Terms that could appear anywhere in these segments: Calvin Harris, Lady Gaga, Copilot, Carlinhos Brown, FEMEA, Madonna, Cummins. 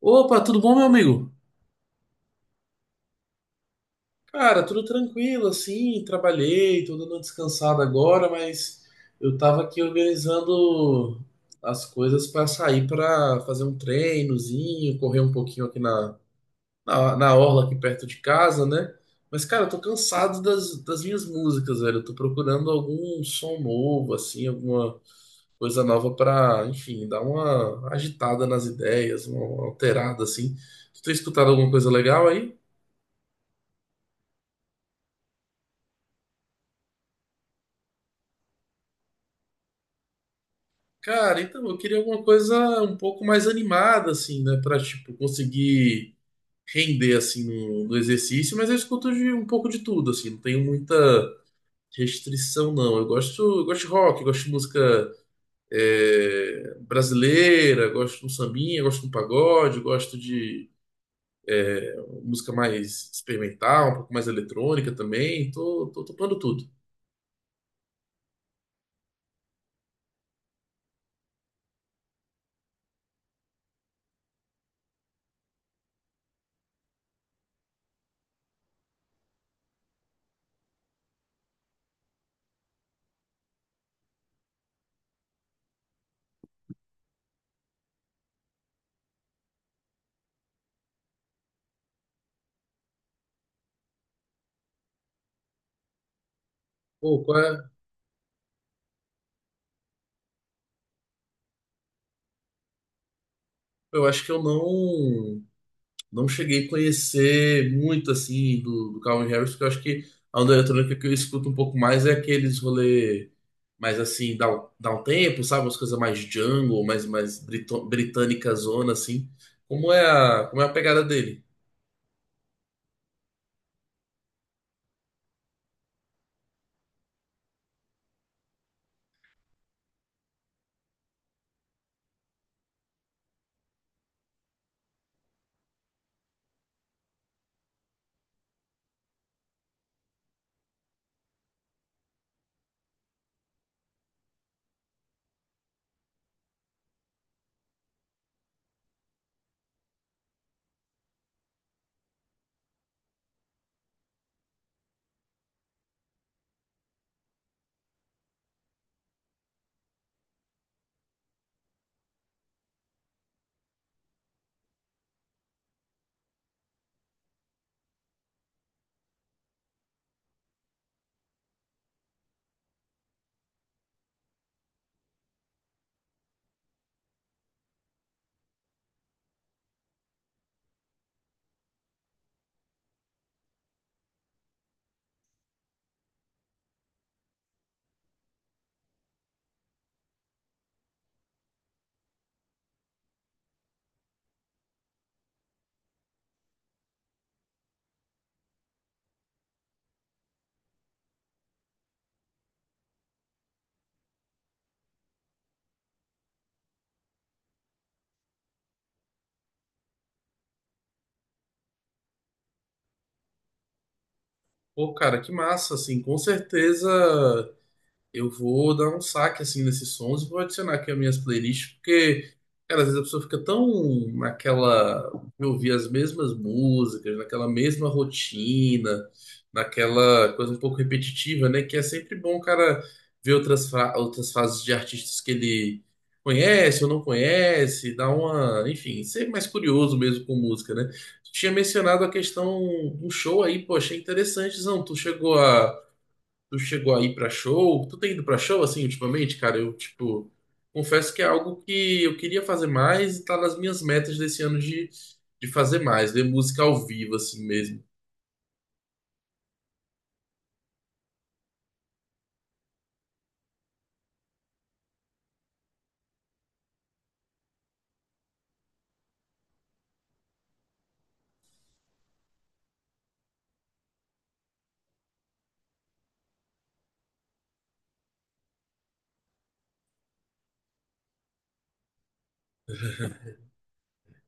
Opa, tudo bom, meu amigo? Cara, tudo tranquilo, assim, trabalhei, tô dando uma descansada agora, mas eu tava aqui organizando as coisas para sair para fazer um treinozinho, correr um pouquinho aqui na orla aqui perto de casa, né? Mas, cara, eu tô cansado das minhas músicas, velho. Eu tô procurando algum som novo, assim, alguma coisa nova pra, enfim, dar uma agitada nas ideias, uma alterada, assim. Tu tem escutado alguma coisa legal aí? Cara, então eu queria alguma coisa um pouco mais animada, assim, né? Pra, tipo, conseguir render, assim, no exercício. Mas eu escuto um pouco de tudo, assim. Não tenho muita restrição, não. Eu gosto de rock, eu gosto de música brasileira, eu gosto de um sambinha, eu gosto de um pagode, eu gosto de é, música mais experimental, um pouco mais eletrônica também. Tô topando tudo. Pô, qual é? Eu acho que eu não cheguei a conhecer muito assim do Calvin Harris, porque eu acho que a onda eletrônica que eu escuto um pouco mais é aqueles rolê mais assim, dá um tempo, sabe? Umas coisas mais jungle, mais britânica zona, assim. Como é a pegada dele? Pô, cara, que massa, assim, com certeza. Eu vou dar um saque assim nesses sons e vou adicionar aqui as minhas playlists, porque, cara, às vezes a pessoa fica tão naquela, eu ouvir as mesmas músicas, naquela mesma rotina, naquela coisa um pouco repetitiva, né? Que é sempre bom, cara, ver outras fases de artistas que ele conhece ou não conhece, dar uma, enfim, ser mais curioso mesmo com música, né? Tu tinha mencionado a questão do show aí, pô, achei interessante, não? Tu chegou aí pra show? Tu tem ido pra show assim ultimamente, cara? Eu, tipo, confesso que é algo que eu queria fazer mais e tá nas minhas metas desse ano de fazer mais, ver música ao vivo, assim mesmo.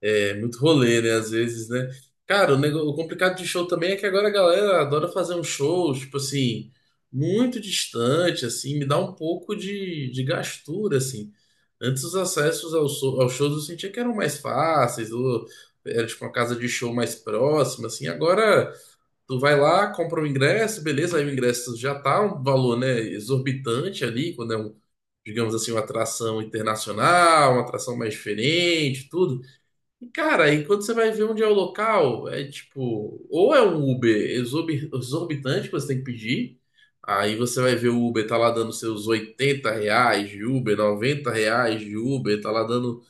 É muito rolê, né? Às vezes, né? Cara, o complicado de show também é que agora a galera adora fazer um show, tipo assim, muito distante, assim, me dá um pouco de gastura, assim. Antes os acessos aos shows eu sentia que eram mais fáceis, ou era tipo uma casa de show mais próxima, assim. Agora tu vai lá, compra o ingresso, beleza, aí o ingresso já tá um valor, né, exorbitante ali, quando é um, digamos assim, uma atração internacional, uma atração mais diferente, tudo. E, cara, aí quando você vai ver onde é o local, é tipo, ou é um Uber exorbitante que você tem que pedir, aí você vai ver o Uber tá lá dando seus R$ 80 de Uber, R$ 90 de Uber, tá lá dando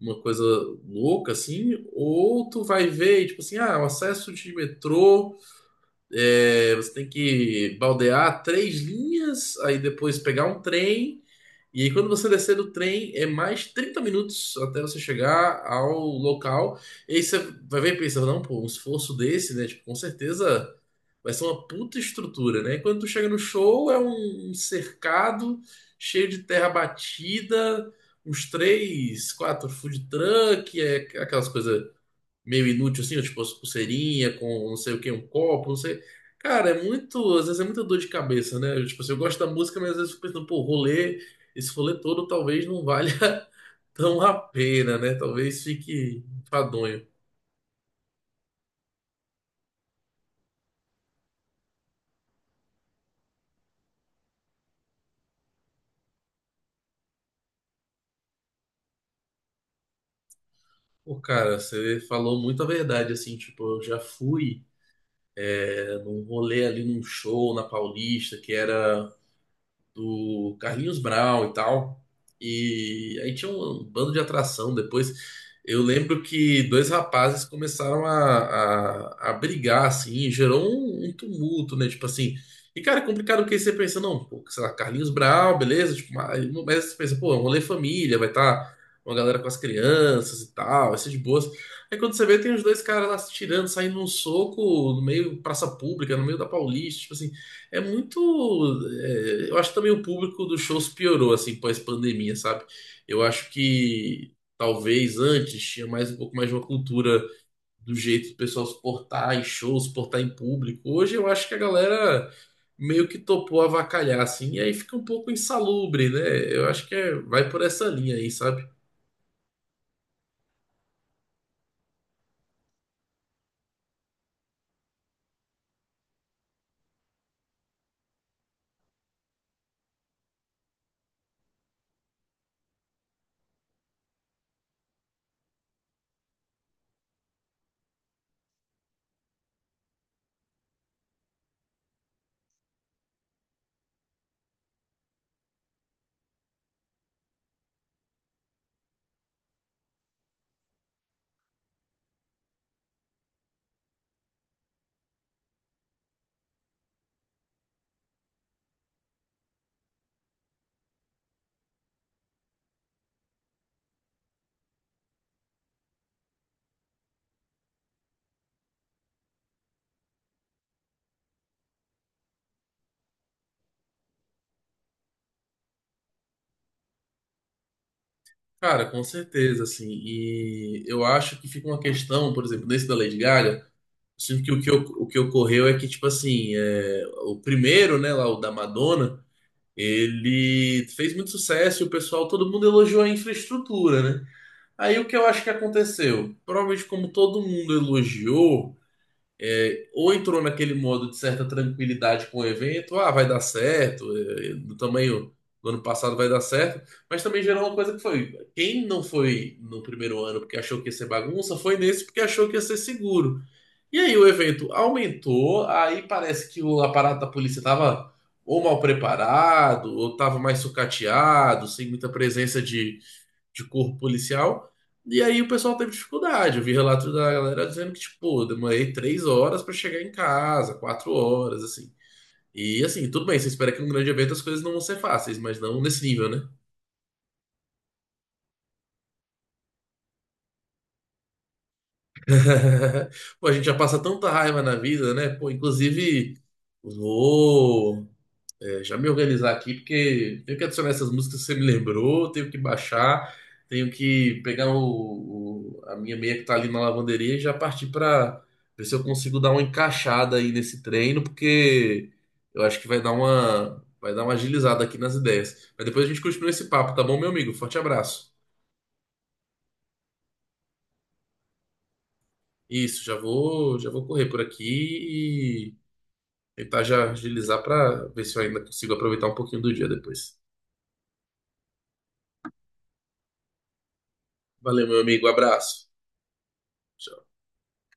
uma coisa louca assim, ou tu vai ver, tipo assim, ah, o acesso de metrô, você tem que baldear três linhas, aí depois pegar um trem. E aí, quando você descer do trem, é mais 30 minutos até você chegar ao local. E aí você vai ver e pensa, não, pô, um esforço desse, né? Tipo, com certeza vai ser uma puta estrutura, né? E quando tu chega no show, é um cercado cheio de terra batida, uns três, quatro food truck, é aquelas coisas meio inútil, assim, tipo as pulseirinha com não sei o que, um copo, não sei. Cara, é muito. Às vezes é muita dor de cabeça, né? Eu, tipo assim, eu gosto da música, mas às vezes eu fico pensando, pô, rolê, esse rolê todo talvez não valha tão a pena, né? Talvez fique enfadonho. Pô, cara, você falou muita verdade, assim, tipo, eu já fui num rolê ali num show na Paulista, que era do Carlinhos Brown e tal. E aí tinha um bando de atração. Depois eu lembro que dois rapazes começaram a brigar, assim, e gerou um tumulto, né? Tipo assim. E, cara, é complicado porque você pensa, não, pô, sei lá, Carlinhos Brown, beleza? Tipo, mas você pensa, pô, é um rolê família, vai estar tá uma galera com as crianças e tal, vai ser de boas. Aí quando você vê, tem os dois caras lá se tirando, saindo num soco no meio praça pública, no meio da Paulista, tipo assim. É muito. Eu acho que também o público dos shows piorou, assim, pós-pandemia, sabe? Eu acho que talvez antes tinha mais um pouco mais de uma cultura do jeito do pessoal se portar em shows, se portar em público. Hoje eu acho que a galera meio que topou avacalhar, assim, e aí fica um pouco insalubre, né? Eu acho que vai por essa linha aí, sabe? Cara, com certeza, assim. E eu acho que fica uma questão, por exemplo, nesse da Lady Gaga. Sinto que o que ocorreu é que, tipo assim, o primeiro, né, lá, o da Madonna, ele fez muito sucesso e o pessoal, todo mundo elogiou a infraestrutura, né? Aí o que eu acho que aconteceu? Provavelmente, como todo mundo elogiou, ou entrou naquele modo de certa tranquilidade com o evento, ah, vai dar certo, do tamanho do ano passado vai dar certo, mas também gerou uma coisa que foi, quem não foi no primeiro ano porque achou que ia ser bagunça, foi nesse porque achou que ia ser seguro. E aí o evento aumentou, aí parece que o aparato da polícia estava ou mal preparado, ou estava mais sucateado, sem muita presença de corpo policial. E aí o pessoal teve dificuldade. Eu vi relato da galera dizendo que, tipo, "Pô, demorei 3 horas para chegar em casa, 4 horas, assim. E assim, tudo bem, você espera que num grande evento as coisas não vão ser fáceis, mas não nesse nível, né? Pô, a gente já passa tanta raiva na vida, né? Pô, inclusive. Ô, já me organizar aqui, porque tenho que adicionar essas músicas que você me lembrou, tenho que baixar, tenho que pegar a minha meia que tá ali na lavanderia e já partir para ver se eu consigo dar uma encaixada aí nesse treino, porque eu acho que vai dar uma, agilizada aqui nas ideias. Mas depois a gente continua esse papo, tá bom, meu amigo? Forte abraço. Isso, já vou correr por aqui e tentar já agilizar para ver se eu ainda consigo aproveitar um pouquinho do dia depois. Valeu, meu amigo, abraço. Tchau.